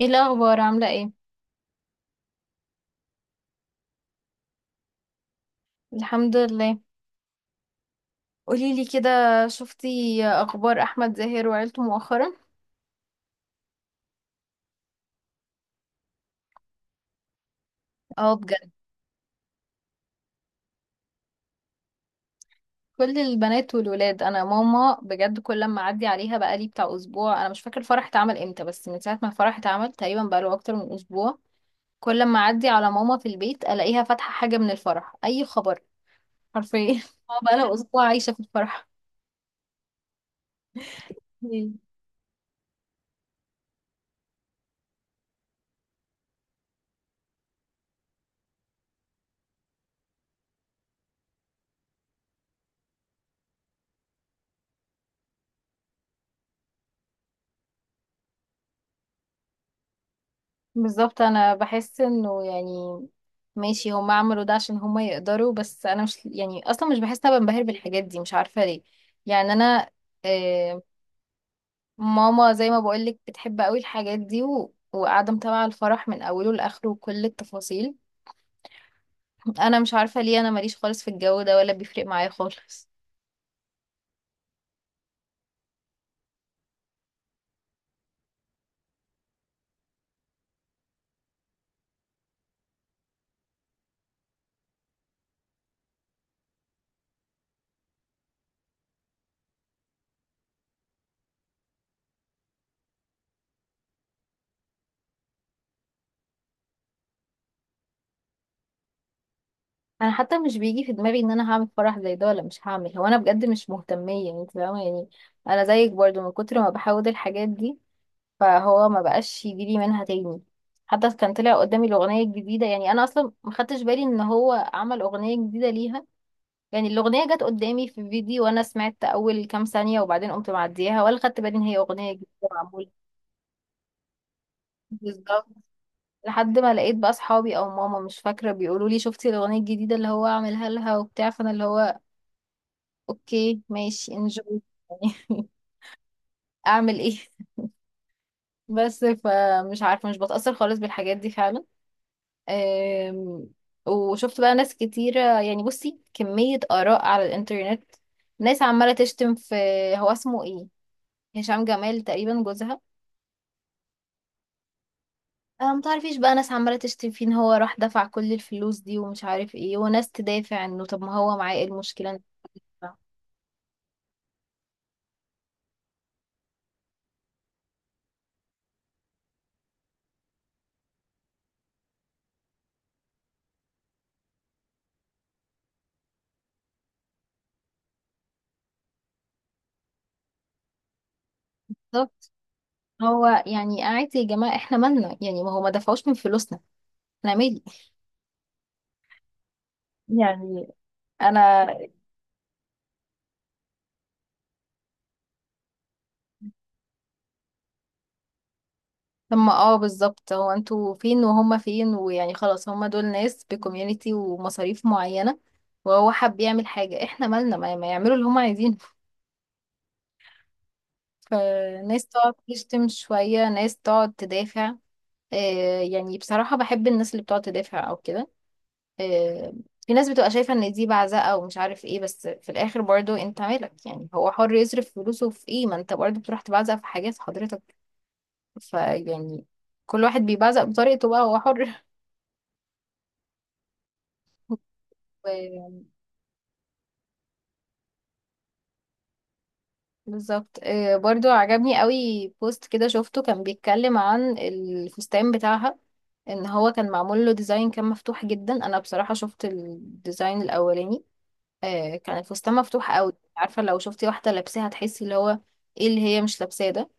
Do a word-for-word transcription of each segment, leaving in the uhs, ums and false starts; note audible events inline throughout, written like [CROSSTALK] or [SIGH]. ايه الاخبار عامله ايه؟ الحمد لله. قولي لي كده. شفتي اخبار احمد زاهر وعيلته مؤخرا؟ اه بجد. كل البنات والولاد، انا ماما بجد كل لما اعدي عليها بقالي بتاع اسبوع، انا مش فاكر الفرح اتعمل امتى بس من ساعه ما الفرح اتعمل تقريبا بقاله اكتر من اسبوع. كل لما اعدي على ماما في البيت الاقيها فاتحه حاجه من الفرح، اي خبر. حرفيا [LAUGHS] ماما بقالها اسبوع عايشه في الفرح. بالظبط، انا بحس انه يعني ماشي، هم عملوا ده عشان هم يقدروا، بس انا مش يعني اصلا مش بحس ان انا بنبهر بالحاجات دي، مش عارفه ليه. يعني انا آه، ماما زي ما بقول لك بتحب قوي الحاجات دي و... وقاعده متابعه الفرح من اوله لاخره وكل التفاصيل. انا مش عارفه ليه، انا ماليش خالص في الجو ده ولا بيفرق معايا خالص. انا حتى مش بيجي في دماغي ان انا هعمل فرح زي ده ولا مش هعمل، هو انا بجد مش مهتميه، انت فاهمه يعني. انا زيك برضو من كتر ما بحاول الحاجات دي فهو ما بقاش يجيلي منها تاني. حتى كان طلع قدامي الأغنية الجديدة، يعني أنا أصلا ما خدتش بالي إن هو عمل أغنية جديدة ليها. يعني الأغنية جت قدامي في فيديو وأنا سمعت أول كام ثانية وبعدين قمت معديها ولا خدت بالي إن هي أغنية جديدة معمولة. بالظبط. لحد ما لقيت بقى أصحابي أو ماما مش فاكرة بيقولوا لي شفتي الأغنية الجديدة اللي هو عاملها لها وبتاع، فأنا اللي هو أوكي ماشي انجوي [LAUGHS] يعني، أعمل إيه [LAUGHS] بس فمش عارفة، مش بتأثر خالص بالحاجات دي فعلا. آم، وشفت بقى ناس كتيرة، يعني بصي كمية آراء على الإنترنت، ناس عمالة تشتم في... هو اسمه ايه؟ هشام جمال تقريبا، جوزها. أنا متعرفيش بقى، ناس عمالة تشتم فيه إن هو راح دفع كل الفلوس دي ومش عارف ايه، وناس تدافع إنه طب ما هو معاه ايه المشكلة إنه يدفع؟ بالظبط. هو يعني قاعد يا جماعة احنا مالنا يعني، ما هو ما دفعوش من فلوسنا. احنا مالي يعني. أنا لما اه بالظبط، هو انتوا فين وهما فين، ويعني خلاص هما دول ناس بكوميونتي ومصاريف معينة، وهو حب يعمل حاجة، احنا مالنا، ما, ما يعملوا اللي هما عايزينه. [LAUGHS] فناس تقعد تشتم شوية ناس تقعد تدافع. آه، يعني بصراحة بحب الناس اللي بتقعد تدافع او كده. آه. في ناس بتبقى شايفة ان دي بعزقة ومش عارف ايه، بس في الاخر برضو انت مالك؟ يعني هو حر يصرف فلوسه في ايه، ما انت برضو بتروح تبعزق في حاجات حضرتك، فيعني كل واحد بيبعزق بطريقته بقى، هو حر. [LAUGHS] بالظبط. آه، برضو عجبني قوي بوست كده شفته، كان بيتكلم عن الفستان بتاعها، ان هو كان معمول له ديزاين كان مفتوح جدا. انا بصراحة شفت الديزاين الاولاني. آه، كان الفستان مفتوح قوي، عارفة لو شفتي واحدة لابساها تحسي اللي هو ايه اللي هي مش لابساه ده.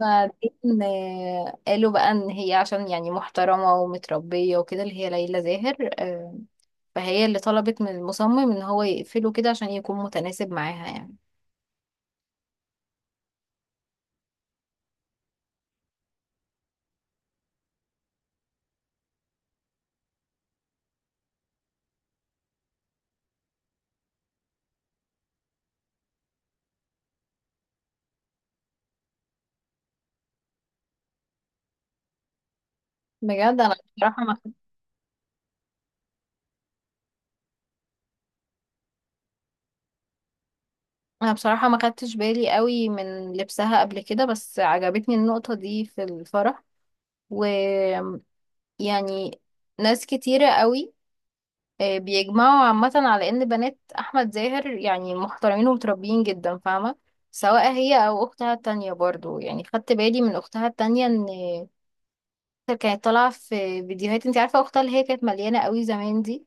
بعدين آه، قالوا بقى ان هي عشان يعني محترمة ومتربية وكده، اللي هي ليلى زاهر آه، فهي اللي طلبت من المصمم ان هو يقفله كده عشان يكون متناسب معاها يعني. بجد. انا بصراحة ما انا بصراحة ما خدتش بالي قوي من لبسها قبل كده، بس عجبتني النقطة دي في الفرح ويعني. ناس كتيرة قوي آه، بيجمعوا عامة على ان بنات احمد زاهر يعني محترمين ومتربيين جدا، فاهمة. سواء هي او اختها التانية برضو، يعني خدت بالي من اختها التانية ان كانت طالعة في فيديوهات. انت عارفة اختها اللي هي كانت مليانة قوي زمان دي،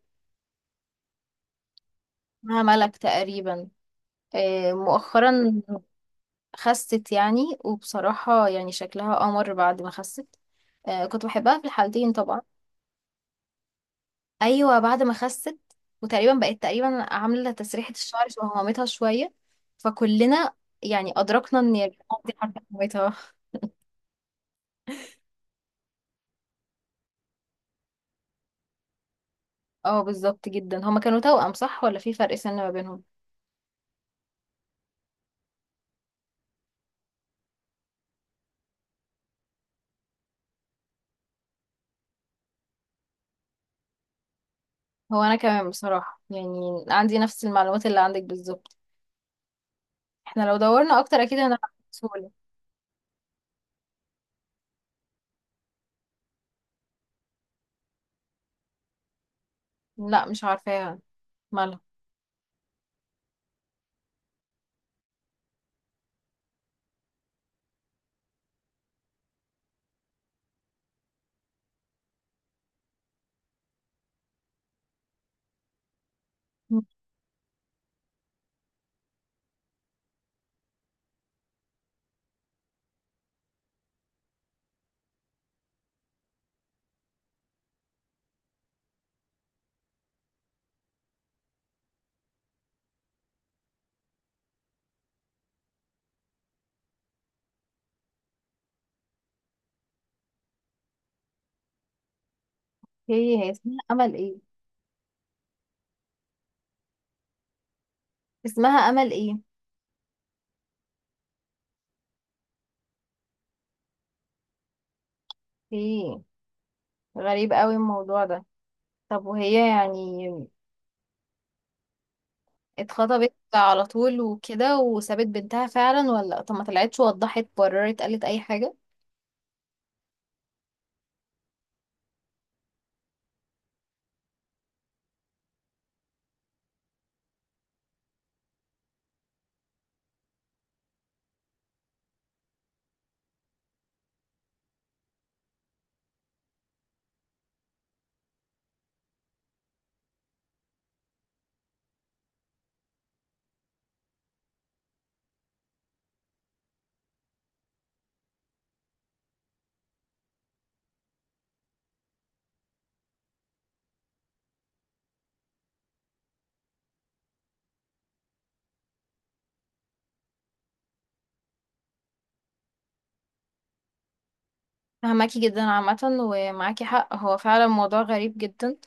اسمها ملك تقريبا. آه، مؤخرا خست يعني، وبصراحة يعني شكلها قمر بعد ما خست. آه، كنت بحبها في الحالتين طبعا. أيوة بعد ما خست، وتقريبا بقت تقريبا عاملة تسريحة الشعر شبه مامتها شوية. فكلنا يعني أدركنا إن البنت دي حرفيا مامتها. [LAUGHS] اه بالظبط جدا. هما كانوا توأم صح؟ ولا في فرق سن ما بينهم؟ هو أنا كمان بصراحة يعني عندي نفس المعلومات اللي عندك بالظبط، احنا لو دورنا أكتر أكيد هنعرف بسهولة. لا مش عارفاها، مالها؟ هي هي اسمها أمل ايه؟ اسمها أمل ايه؟ ايه، غريب قوي الموضوع ده. طب وهي يعني اتخطبت على طول وكده وسابت بنتها فعلا؟ ولا طب ما طلعتش وضحت بررت قالت اي حاجة؟ فهماكي جدا عامة، ومعاكي حق، هو فعلا موضوع غريب جدا.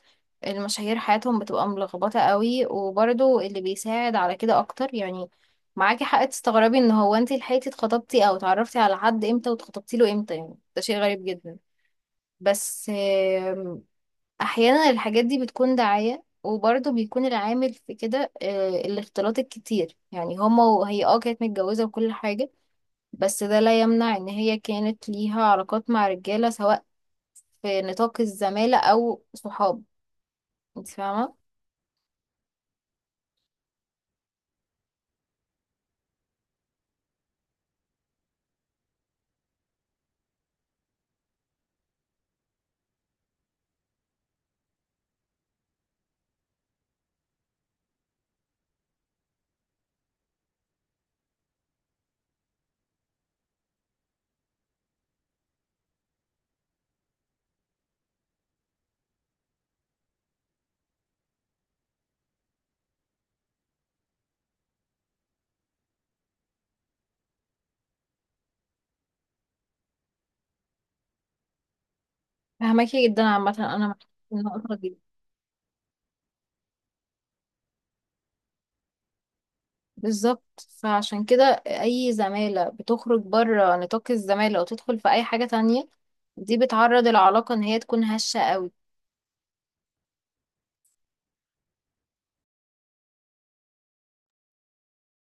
المشاهير حياتهم بتبقى ملخبطة قوي، وبرضو اللي بيساعد على كده اكتر يعني، معاكي حق تستغربي ان هو انتي لحقتي اتخطبتي او اتعرفتي على حد امتى واتخطبتي له امتى، يعني ده شيء غريب جدا. بس احيانا الحاجات دي بتكون دعاية، وبرضه بيكون العامل في كده آه، الاختلاط الكتير، يعني هما وهي اه كانت متجوزة وكل حاجة. بس ده لا يمنع ان هي كانت ليها علاقات مع رجالة، سواء في نطاق الزمالة او صحاب، انت فاهمة. فاهماكي جدا عامة، انا معاكي في النقطة دي. بالظبط. فعشان كده اي زمالة بتخرج بره نطاق الزمالة وتدخل في اي حاجة تانية، دي بتعرض العلاقة ان هي تكون هشة قوي.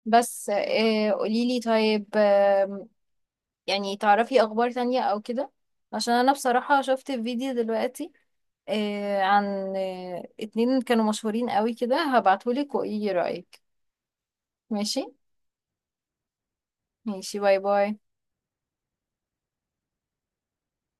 بس آه، قوليلي طيب، يعني تعرفي اخبار تانية او كده؟ عشان انا بصراحة شفت فيديو دلوقتي آه، عن آه، اتنين كانوا مشهورين قوي كده، هبعتهولك وايه رأيك؟ ماشي. ماشي، باي باي.